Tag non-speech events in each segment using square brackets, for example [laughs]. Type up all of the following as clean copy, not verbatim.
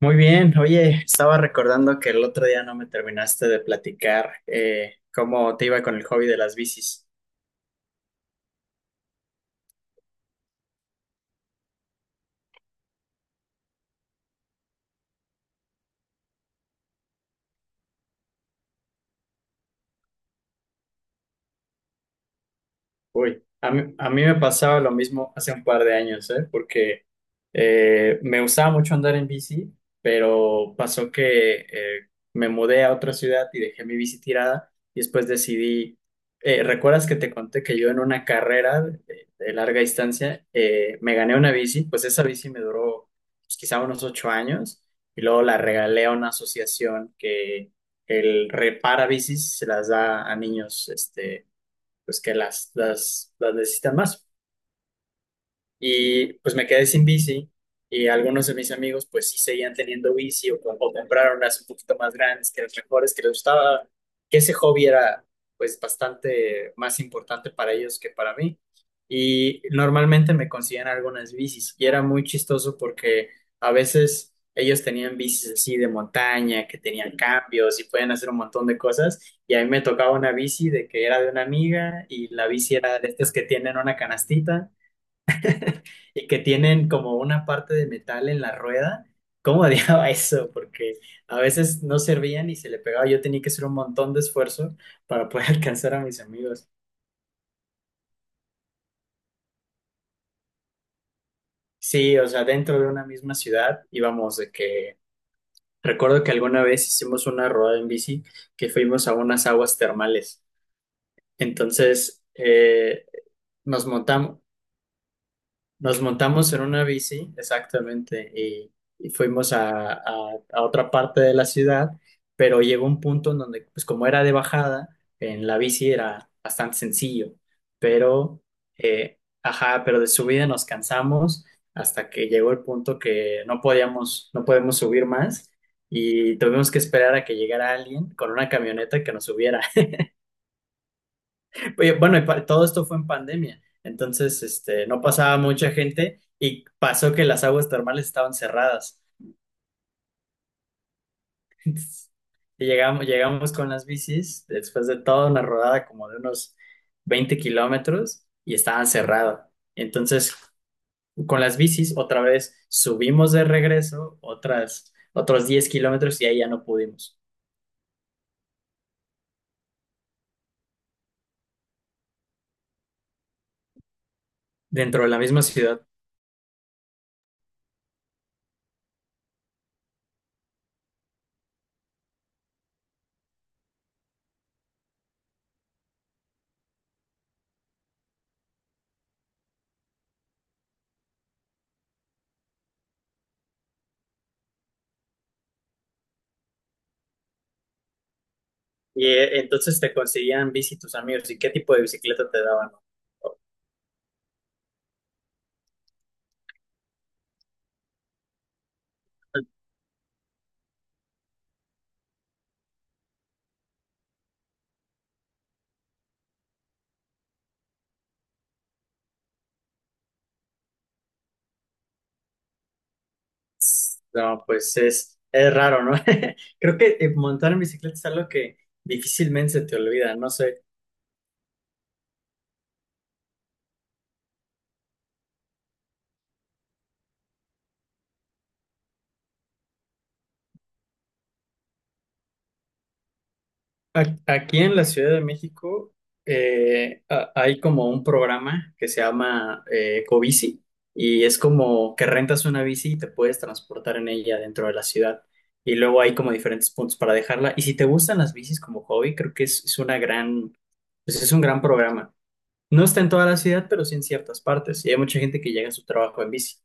Muy bien, oye, estaba recordando que el otro día no me terminaste de platicar cómo te iba con el hobby de las bicis. Uy, a mí me pasaba lo mismo hace un par de años, ¿eh? Porque me gustaba mucho andar en bici, pero pasó que me mudé a otra ciudad y dejé mi bici tirada y después decidí, ¿recuerdas que te conté que yo en una carrera de larga distancia me gané una bici? Pues esa bici me duró, pues, quizá unos 8 años, y luego la regalé a una asociación que el repara bicis, se las da a niños, este, pues que las necesitan más. Y pues me quedé sin bici, y algunos de mis amigos pues sí seguían teniendo bici, o compraron unas un poquito más grandes que las mejores que les gustaba, que ese hobby era pues bastante más importante para ellos que para mí. Y normalmente me conseguían algunas bicis, y era muy chistoso porque a veces ellos tenían bicis así de montaña, que tenían cambios y podían hacer un montón de cosas. Y a mí me tocaba una bici de que era de una amiga, y la bici era de estas que tienen una canastita y que tienen como una parte de metal en la rueda. ¿Cómo odiaba [laughs] eso? Porque a veces no servían y se le pegaba. Yo tenía que hacer un montón de esfuerzo para poder [laughs] alcanzar a mis amigos. Sí, o sea, dentro de una misma ciudad íbamos de que... Recuerdo que alguna vez hicimos una rodada en bici, que fuimos a unas aguas termales. Entonces, nos montamos, Nos montamos en una bici, exactamente, y fuimos a otra parte de la ciudad, pero llegó un punto en donde, pues como era de bajada, en la bici era bastante sencillo, pero, ajá, pero de subida nos cansamos, hasta que llegó el punto que no podíamos, no podemos subir más, y tuvimos que esperar a que llegara alguien con una camioneta que nos subiera. Oye, bueno, y todo esto fue en pandemia, entonces, este, no pasaba mucha gente, y pasó que las aguas termales estaban cerradas. [laughs] Entonces, y llegamos con las bicis después de toda una rodada como de unos 20 kilómetros, y estaban cerradas. Entonces, con las bicis otra vez subimos de regreso otras, otros 10 kilómetros, y ahí ya no pudimos, dentro de la misma ciudad. Y entonces te conseguían bici tus amigos, y qué tipo de bicicleta te daban. No, pues es raro, ¿no? [laughs] Creo que montar en bicicleta es algo que difícilmente se te olvida, no sé. Aquí en la Ciudad de México, hay como un programa que se llama, Ecobici, y es como que rentas una bici y te puedes transportar en ella dentro de la ciudad. Y luego hay como diferentes puntos para dejarla. Y si te gustan las bicis como hobby, creo que es una gran, pues es un gran programa. No está en toda la ciudad, pero sí en ciertas partes. Y hay mucha gente que llega a su trabajo en bici.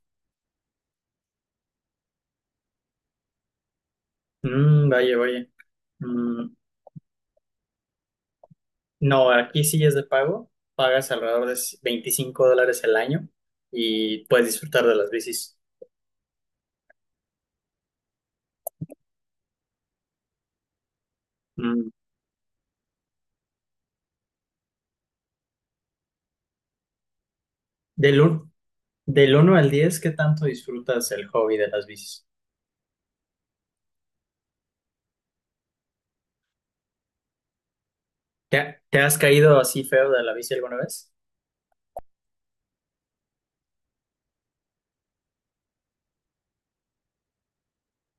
Mm, vaya, vaya. Mm, no, aquí sí es de pago. Pagas alrededor de $25 el año y puedes disfrutar de las bicis. Mm, Del, un- del 1 al 10, ¿qué tanto disfrutas el hobby de las bicis? ¿Te has caído así feo de la bici alguna vez?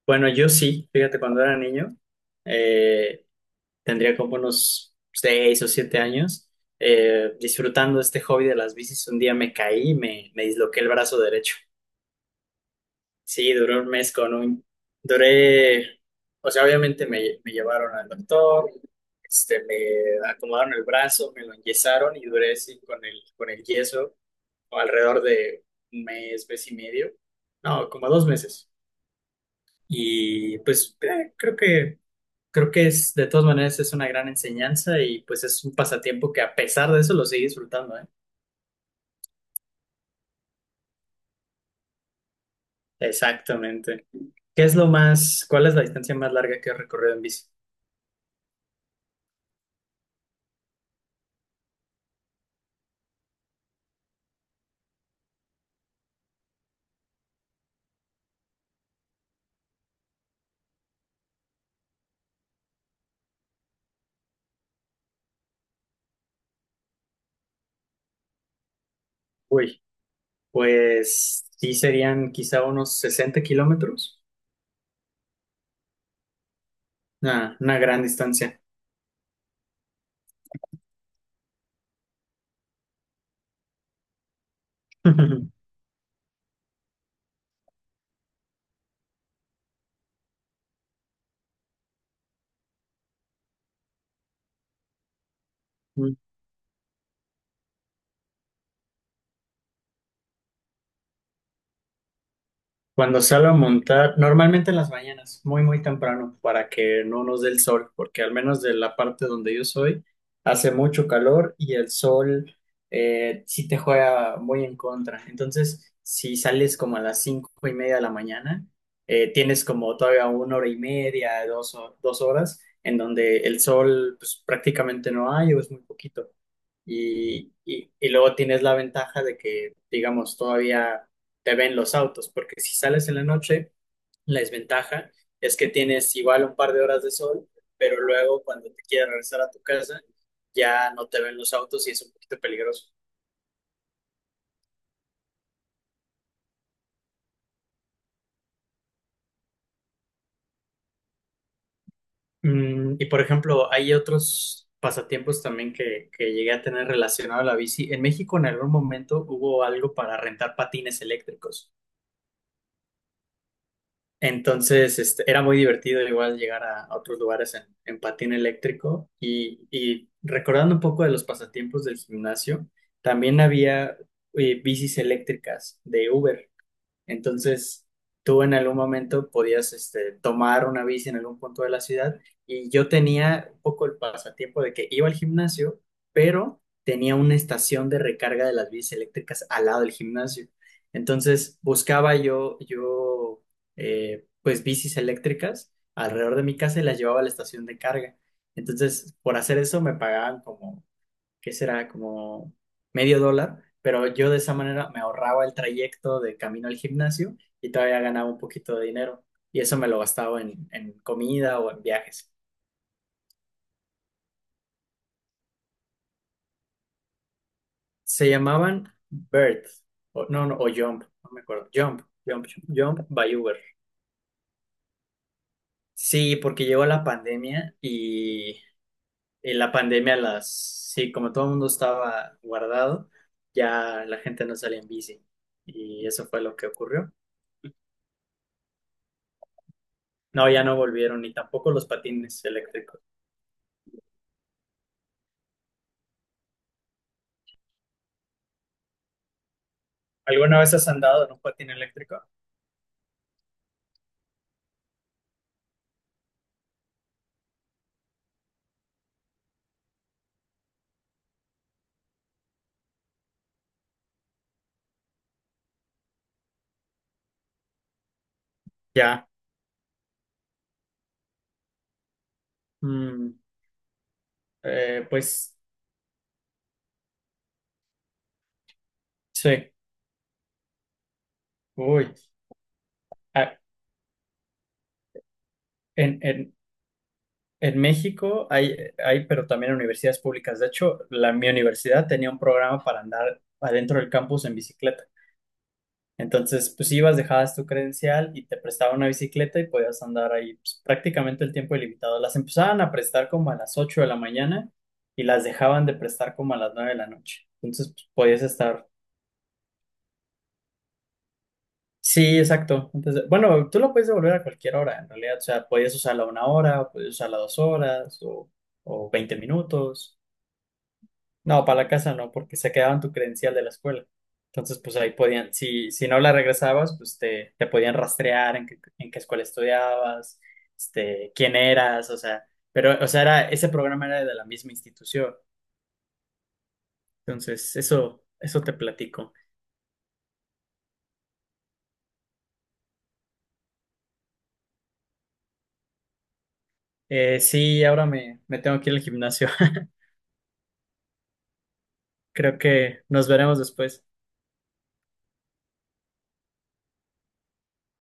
Bueno, yo sí. Fíjate, cuando era niño, eh, tendría como unos 6 o 7 años, disfrutando este hobby de las bicis. Un día me caí y me disloqué el brazo derecho. Sí, duré un mes duré, o sea, obviamente me llevaron al doctor, este, me acomodaron el brazo, me lo enyesaron y duré así con el yeso alrededor de un mes, mes y medio, no, como 2 meses. Y pues creo que, de todas maneras es una gran enseñanza, y pues es un pasatiempo que a pesar de eso lo sigue disfrutando, ¿eh? Exactamente. ¿Qué es lo más, cuál es la distancia más larga que has recorrido en bici? Uy. Pues sí serían quizá unos 60 kilómetros. Una gran distancia. [laughs] Cuando salgo a montar, normalmente en las mañanas, muy, muy temprano, para que no nos dé el sol, porque al menos de la parte donde yo soy, hace mucho calor, y el sol, sí te juega muy en contra. Entonces, si sales como a las 5:30 de la mañana, tienes como todavía una hora y media, dos horas, en donde el sol pues, prácticamente no hay o es muy poquito. Y luego tienes la ventaja de que, digamos, todavía te ven los autos, porque si sales en la noche, la desventaja es que tienes igual un par de horas de sol, pero luego cuando te quieres regresar a tu casa, ya no te ven los autos y es un poquito peligroso. Y por ejemplo, hay otros pasatiempos también que llegué a tener relacionado a la bici. En México, en algún momento hubo algo para rentar patines eléctricos. Entonces, este, era muy divertido igual llegar a otros lugares en patín eléctrico, y recordando un poco de los pasatiempos del gimnasio, también había bicis eléctricas de Uber. Entonces, tú en algún momento podías, este, tomar una bici en algún punto de la ciudad, y yo tenía un poco el pasatiempo de que iba al gimnasio, pero tenía una estación de recarga de las bicis eléctricas al lado del gimnasio. Entonces, buscaba yo pues bicis eléctricas alrededor de mi casa y las llevaba a la estación de carga. Entonces, por hacer eso me pagaban como que será como medio dólar, pero yo de esa manera me ahorraba el trayecto de camino al gimnasio y todavía ganaba un poquito de dinero. Y eso me lo gastaba en comida o en viajes. Se llamaban Bird, no, no, o Jump, no me acuerdo. Jump by Uber. Sí, porque llegó la pandemia y en la pandemia sí, como todo el mundo estaba guardado, ya la gente no salía en bici, y eso fue lo que ocurrió. No, ya no volvieron, ni tampoco los patines eléctricos. ¿Alguna vez has andado en un patín eléctrico? Ya. Mm, pues sí. Uy. Ah, en, en, en México hay, pero también universidades públicas. De hecho, mi universidad tenía un programa para andar adentro del campus en bicicleta. Entonces, pues ibas, dejabas tu credencial y te prestaban una bicicleta, y podías andar ahí pues, prácticamente el tiempo ilimitado. Las empezaban a prestar como a las 8 de la mañana y las dejaban de prestar como a las 9 de la noche. Entonces, pues, podías estar... Sí, exacto. Bueno, tú lo puedes devolver a cualquier hora, en realidad. O sea, podías usarla una hora, o podías usarla 2 horas, o 20 minutos. No, para la casa no, porque se quedaban tu credencial de la escuela. Entonces, pues ahí podían, si no la regresabas, pues te podían rastrear en qué escuela estudiabas, este, quién eras, o sea, pero, o sea, ese programa era de la misma institución. Entonces, eso te platico. Sí, ahora me tengo que ir al gimnasio. [laughs] Creo que nos veremos después.